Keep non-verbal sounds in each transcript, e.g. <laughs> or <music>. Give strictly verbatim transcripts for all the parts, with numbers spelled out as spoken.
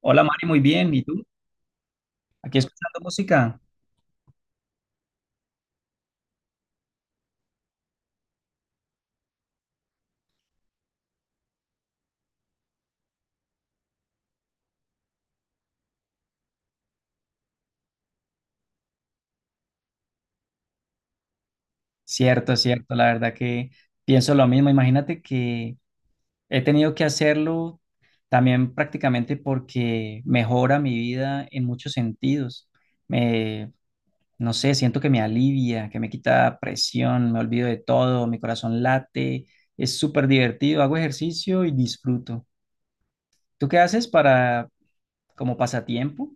Hola Mari, muy bien. ¿Y tú? ¿Aquí escuchando música? Cierto, cierto. La verdad que pienso lo mismo. Imagínate que he tenido que hacerlo también prácticamente porque mejora mi vida en muchos sentidos. Me, no sé, siento que me alivia, que me quita presión, me olvido de todo, mi corazón late. Es súper divertido. Hago ejercicio y disfruto. ¿Tú qué haces para como pasatiempo?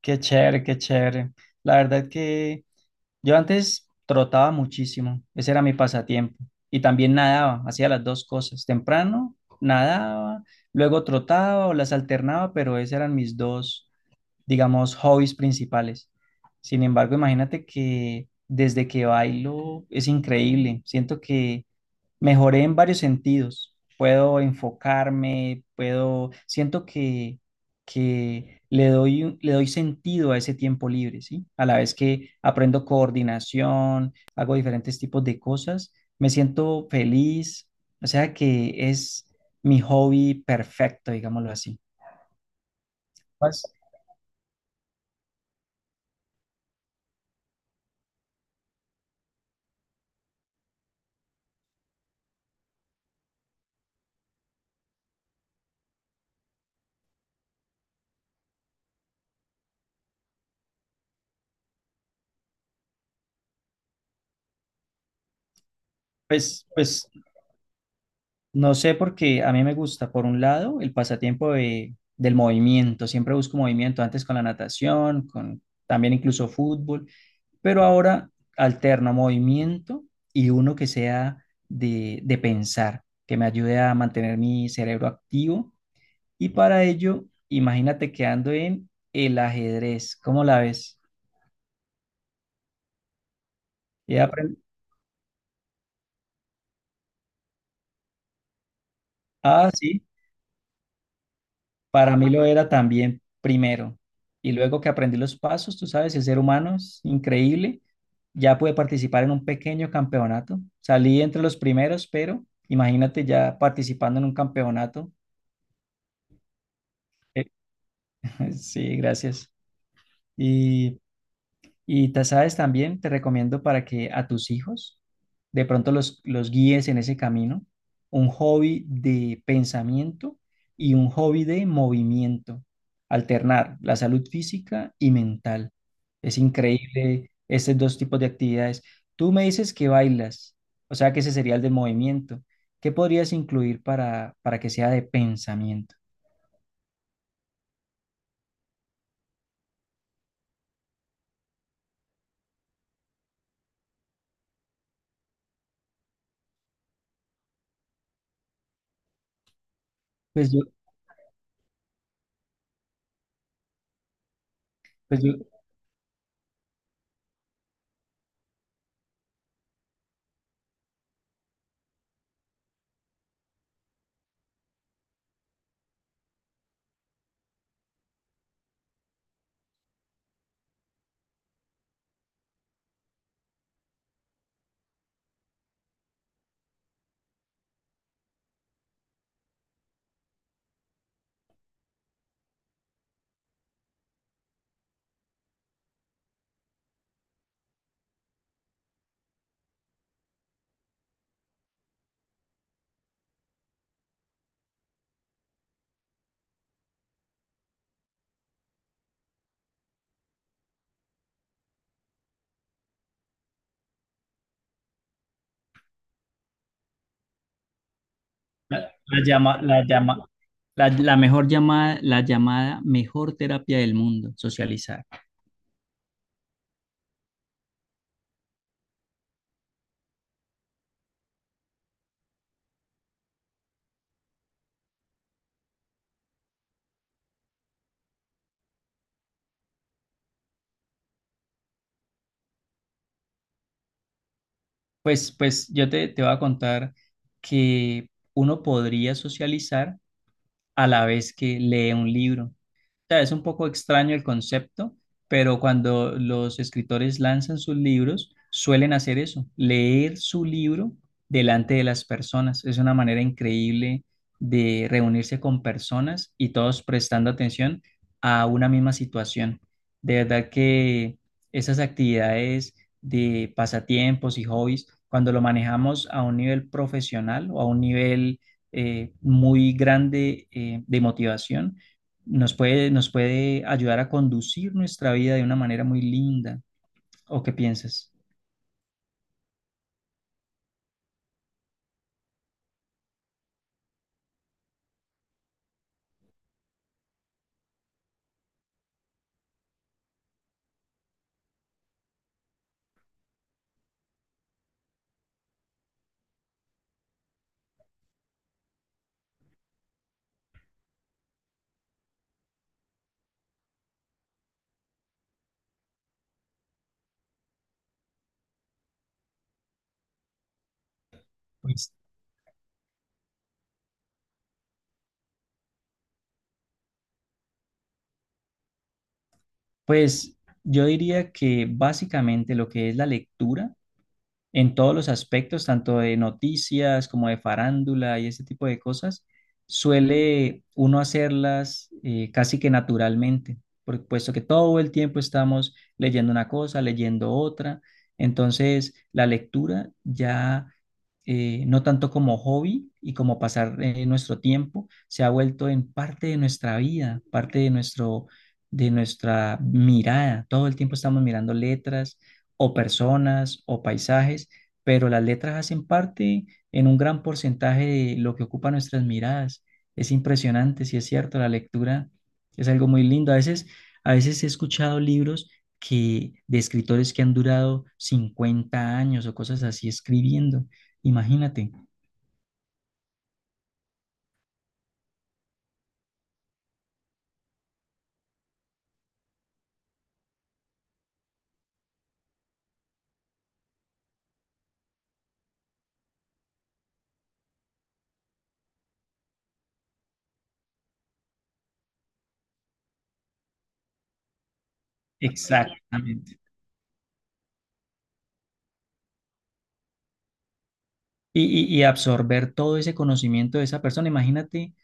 Qué chévere, qué chévere. La verdad que... ...yo antes trotaba muchísimo, ese era mi pasatiempo. Y también nadaba, hacía las dos cosas. Temprano nadaba, luego trotaba o las alternaba, pero esos eran mis dos, digamos, hobbies principales. Sin embargo, imagínate que desde que bailo es increíble. Siento que mejoré en varios sentidos. Puedo enfocarme, puedo, siento que, que le doy, un- le doy sentido a ese tiempo libre, ¿sí? A la vez que aprendo coordinación, hago diferentes tipos de cosas, me siento feliz, o sea que es mi hobby perfecto, digámoslo así. Pues, pues, pues no sé, porque a mí me gusta, por un lado, el pasatiempo de- del movimiento. Siempre busco movimiento, antes con la natación, con también incluso fútbol, pero ahora alterno movimiento y uno que sea de, de pensar, que me ayude a mantener mi cerebro activo. Y para ello, imagínate que ando en el ajedrez. ¿Cómo la ves? He apren- Ah, sí. Para mí lo era también primero. Y luego que aprendí los pasos, tú sabes, el ser humano es increíble. Ya pude participar en un pequeño campeonato. Salí entre los primeros, pero imagínate ya participando en un campeonato. Eh, <laughs> Sí, gracias. Y Y ta- sabes también, te recomiendo para que a tus hijos de pronto los, los guíes en ese camino, un hobby de pensamiento y un hobby de movimiento, alternar la salud física y mental. Es increíble estos dos tipos de actividades. Tú me dices que bailas, o sea que ese sería el del movimiento. ¿Qué podrías incluir para, para que sea de pensamiento? Pues yo, pues yo, la, la llama, la llama, La, la mejor llamada, la llamada mejor terapia del mundo, socializar. Pues, pues yo te, te voy a contar que uno podría socializar a la vez que lee un libro. Sea, es un poco extraño el concepto, pero cuando los escritores lanzan sus libros, suelen hacer eso, leer su libro delante de las personas. Es una manera increíble de reunirse con personas y todos prestando atención a una misma situación. De verdad que esas actividades de pasatiempos y hobbies, cuando lo manejamos a un nivel profesional o a un nivel eh, muy grande eh, de motivación, nos puede, nos puede ayudar a conducir nuestra vida de una manera muy linda. ¿O qué piensas? Pues, Pues yo diría que básicamente lo que es la lectura en todos los aspectos, tanto de noticias como de farándula y ese tipo de cosas, suele uno hacerlas eh, casi que naturalmente, por- puesto que todo el tiempo estamos leyendo una cosa, leyendo otra. Entonces, la lectura ya eh, no tanto como hobby y como pasar eh, nuestro tiempo, se ha vuelto en parte de nuestra vida, parte de nuestro, de nuestra mirada. Todo el tiempo estamos mirando letras o personas o paisajes, pero las letras hacen parte en un gran porcentaje de lo que ocupa nuestras miradas. Es impresionante, si es cierto, la lectura es algo muy lindo. A veces, a veces he escuchado libros que de escritores que han durado cincuenta años o cosas así escribiendo. Imagínate. Exactamente. Y, y- y absorber todo ese conocimiento de esa persona. Imagínate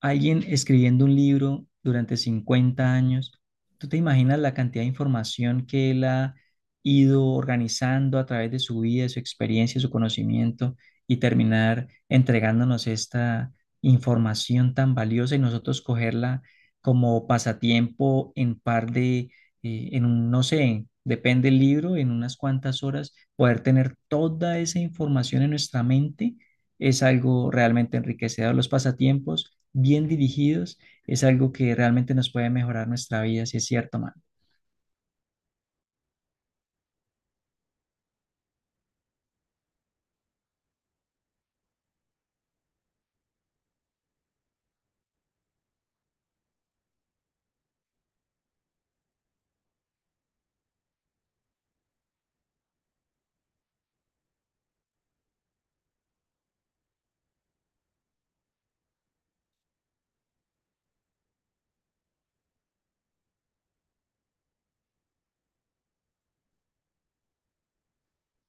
alguien escribiendo un libro durante cincuenta años, ¿tú te imaginas la cantidad de información que él ha ido organizando a través de su vida, de su experiencia, de su conocimiento y terminar entregándonos esta información tan valiosa y nosotros cogerla como pasatiempo en par de, eh, en un, no sé, depende del libro, en unas cuantas horas, poder tener toda esa información en nuestra mente? Es algo realmente enriquecedor. Los pasatiempos bien dirigidos, es algo que realmente nos puede mejorar nuestra vida, si es cierto, man.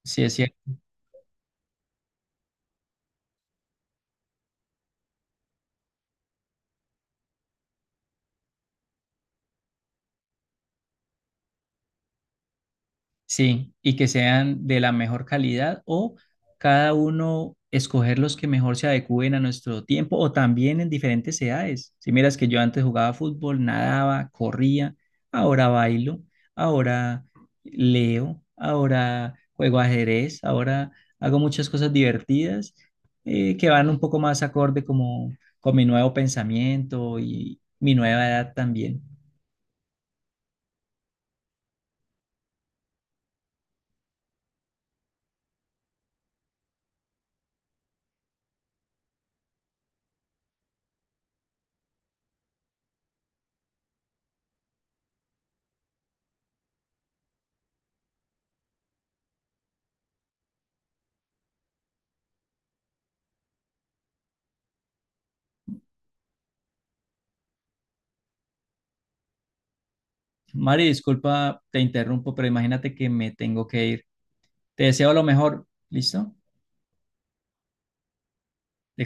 Si es cierto. Sí, y que sean de la mejor calidad o cada uno escoger los que mejor se adecúen a nuestro tiempo o también en diferentes edades. Si miras que yo antes jugaba fútbol, nadaba, corría, ahora bailo, ahora leo, ahora juego ajedrez, ahora hago muchas cosas divertidas eh, que van un poco más acorde como con mi nuevo pensamiento y mi nueva edad también. Mari, disculpa, te interrumpo, pero imagínate que me tengo que ir. Te deseo lo mejor. ¿Listo?